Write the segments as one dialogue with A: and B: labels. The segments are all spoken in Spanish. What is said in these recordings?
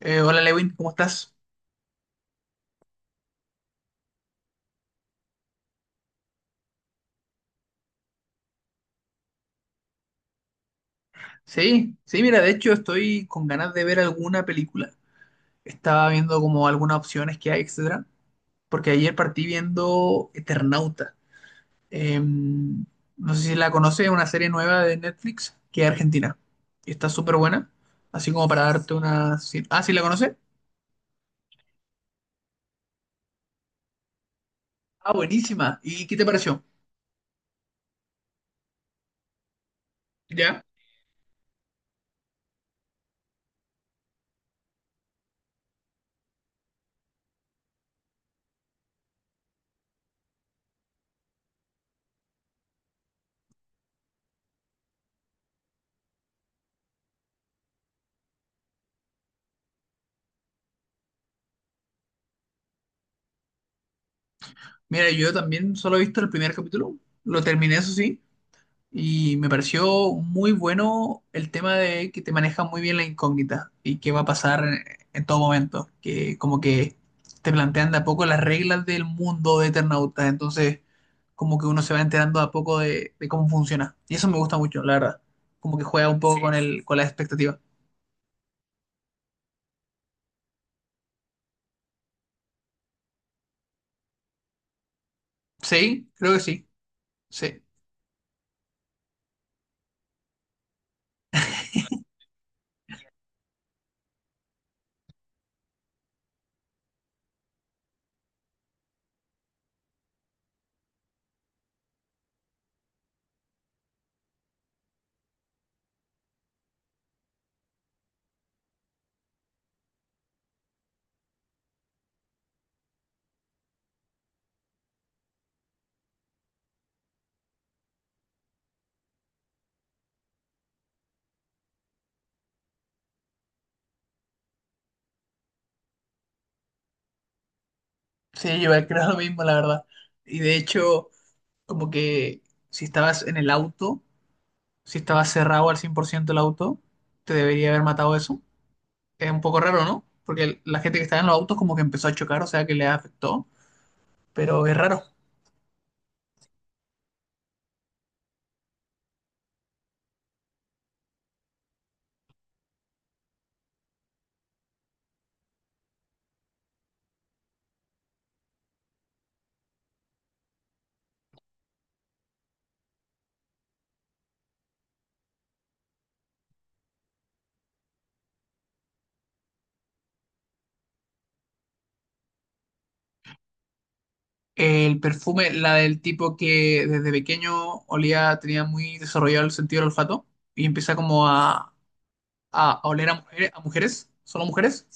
A: Hola Lewin, ¿cómo estás? Sí, sí, mira, de hecho estoy con ganas de ver alguna película. Estaba viendo como algunas opciones que hay, etcétera, porque ayer partí viendo Eternauta. No sé si la conoces, es una serie nueva de Netflix que es argentina. Y está súper buena, así como para darte una Ah, ¿sí la conoces? Ah, buenísima. ¿Y qué te pareció? Ya. Mira, yo también solo he visto el primer capítulo, lo terminé, eso sí. Y me pareció muy bueno el tema de que te maneja muy bien la incógnita y qué va a pasar en todo momento. Que como que te plantean de a poco las reglas del mundo de Eternauta. Entonces, como que uno se va enterando de a poco de cómo funciona. Y eso me gusta mucho, la verdad. Como que juega un poco. Sí, con con la expectativa. Sí, creo que sí. Sí, sí, yo creo lo mismo, la verdad. Y de hecho, como que si estabas en el auto, si estabas cerrado al 100% el auto, te debería haber matado eso. Es un poco raro, ¿no? Porque la gente que estaba en los autos como que empezó a chocar, o sea que le afectó, pero es raro. El perfume, la del tipo que desde pequeño olía, tenía muy desarrollado el sentido del olfato y empieza como a oler a mujeres, solo mujeres.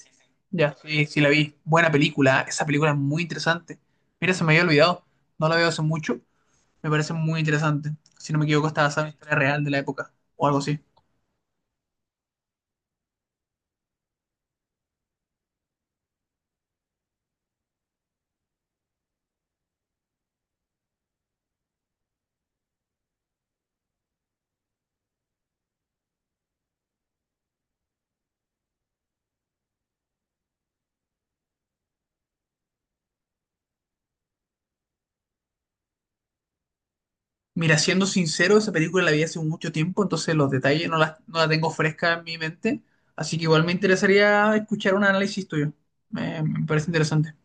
A: Ya, sí, sí la vi. Buena película, esa película es muy interesante. Mira, se me había olvidado, no la veo hace mucho, me parece muy interesante. Si no me equivoco, estaba basada en una historia real de la época o algo así. Mira, siendo sincero, esa película la vi hace mucho tiempo, entonces los detalles no las no la tengo fresca en mi mente, así que igual me interesaría escuchar un análisis tuyo. Me parece interesante.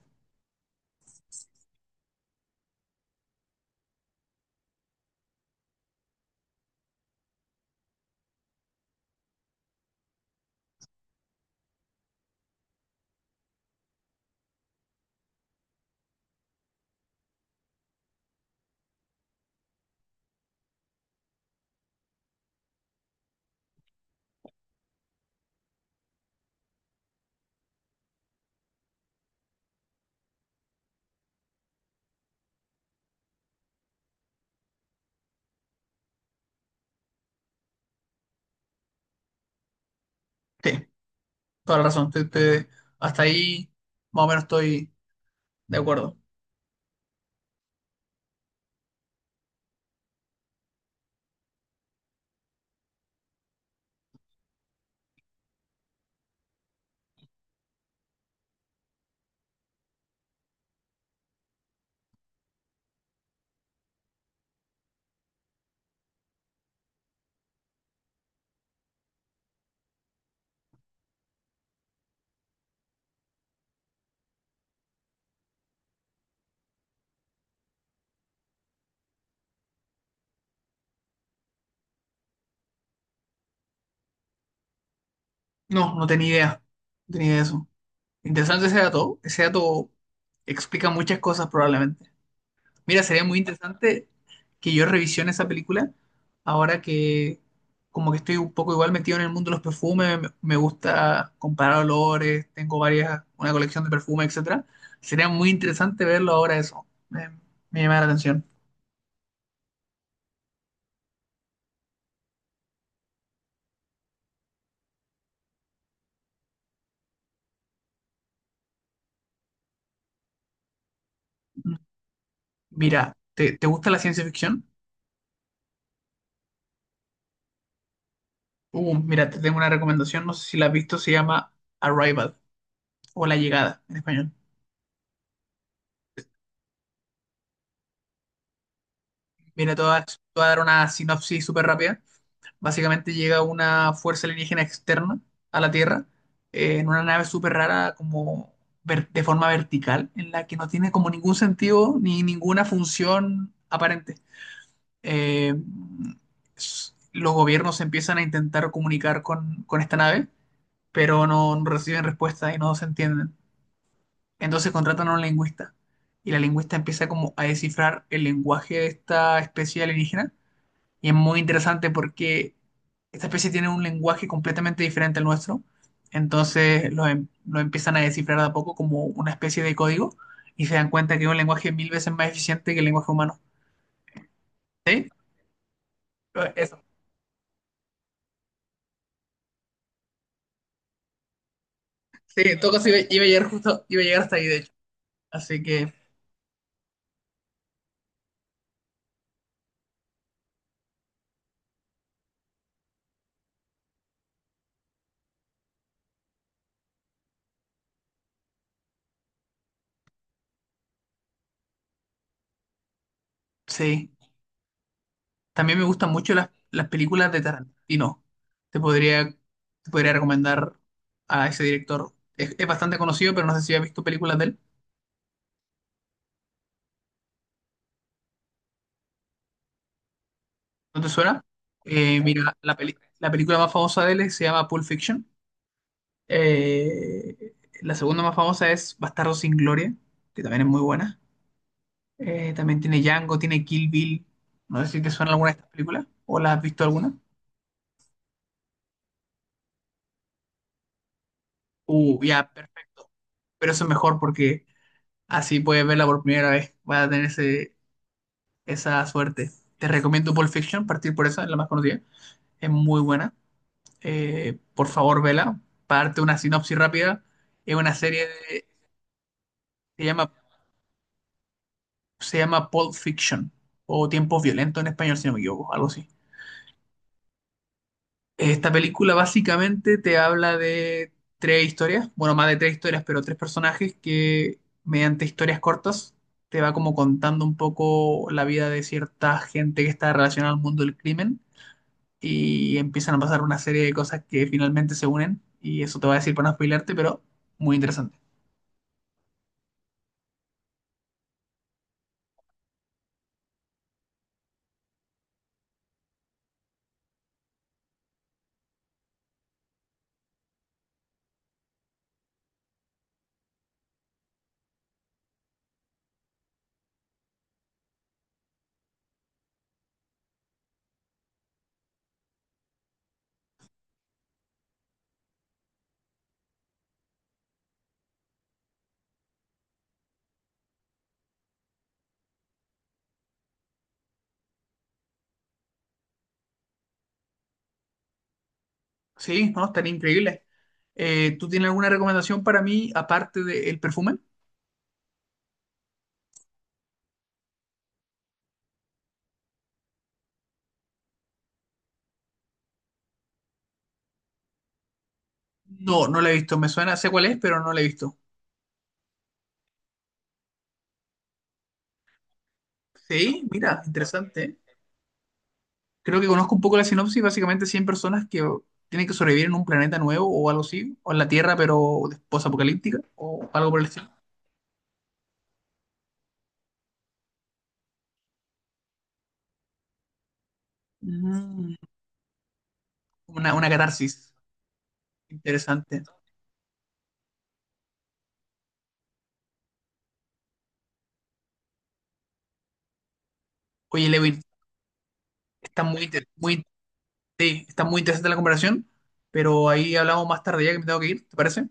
A: Sí, toda la razón. Hasta ahí más o menos estoy de acuerdo. No, no tenía idea. No tenía idea de eso. Interesante ese dato. Ese dato explica muchas cosas probablemente. Mira, sería muy interesante que yo revisione esa película ahora que como que estoy un poco igual metido en el mundo de los perfumes, me gusta comparar olores, tengo varias, una colección de perfumes, etcétera. Sería muy interesante verlo ahora eso. Me llama la atención. Mira, ¿ te gusta la ciencia ficción? Mira, te tengo una recomendación, no sé si la has visto, se llama Arrival o La Llegada en español. Mira, te voy a dar una sinopsis súper rápida. Básicamente llega una fuerza alienígena externa a la Tierra en una nave súper rara, como de forma vertical, en la que no tiene como ningún sentido ni ninguna función aparente. Eh, los gobiernos empiezan a intentar comunicar con esta nave, pero no reciben respuesta y no se entienden. Entonces contratan a un lingüista y la lingüista empieza como a descifrar el lenguaje de esta especie alienígena y es muy interesante porque esta especie tiene un lenguaje completamente diferente al nuestro. Entonces lo empiezan a descifrar de a poco como una especie de código y se dan cuenta que es un lenguaje 1000 veces más eficiente que el lenguaje humano. ¿Sí? Eso. Sí, en todo caso iba a llegar justo, iba a llegar hasta ahí, de hecho. Así que sí. También me gustan mucho las películas de Tarantino. Te podría, Te podría recomendar a ese director. Es bastante conocido, pero no sé si has visto películas de él. ¿No te suena? Mira, la la película más famosa de él se llama Pulp Fiction. Eh, la segunda más famosa es Bastardo sin Gloria, que también es muy buena. También tiene Django, tiene Kill Bill. No sé si te suena alguna de estas películas o la has visto alguna. Ya, perfecto. Pero eso es mejor porque así puedes verla por primera vez. Vas a tener ese, esa suerte. Te recomiendo Pulp Fiction, partir por esa, es la más conocida. Es muy buena. Eh, por favor, vela. Para darte una sinopsis rápida, es una serie de, se llama, se llama Pulp Fiction o Tiempos Violentos en español, si no me equivoco, algo así. Esta película básicamente te habla de tres historias, bueno, más de tres historias, pero tres personajes que mediante historias cortas te va como contando un poco la vida de cierta gente que está relacionada al mundo del crimen y empiezan a pasar una serie de cosas que finalmente se unen y eso te va a decir para no spoilearte, pero muy interesante. Sí, no, están increíbles. ¿Tú tienes alguna recomendación para mí aparte del perfume? No, no la he visto. Me suena, sé cuál es, pero no la he visto. Sí, mira, interesante, ¿eh? Creo que conozco un poco la sinopsis. Básicamente, 100 personas que tienen que sobrevivir en un planeta nuevo o algo así, o en la Tierra, pero después apocalíptica o algo por el estilo. Mm, una catarsis. Interesante. Oye, Levin, está muy, inter- muy, sí, está muy interesante la comparación, pero ahí hablamos más tarde ya que me tengo que ir, ¿te parece?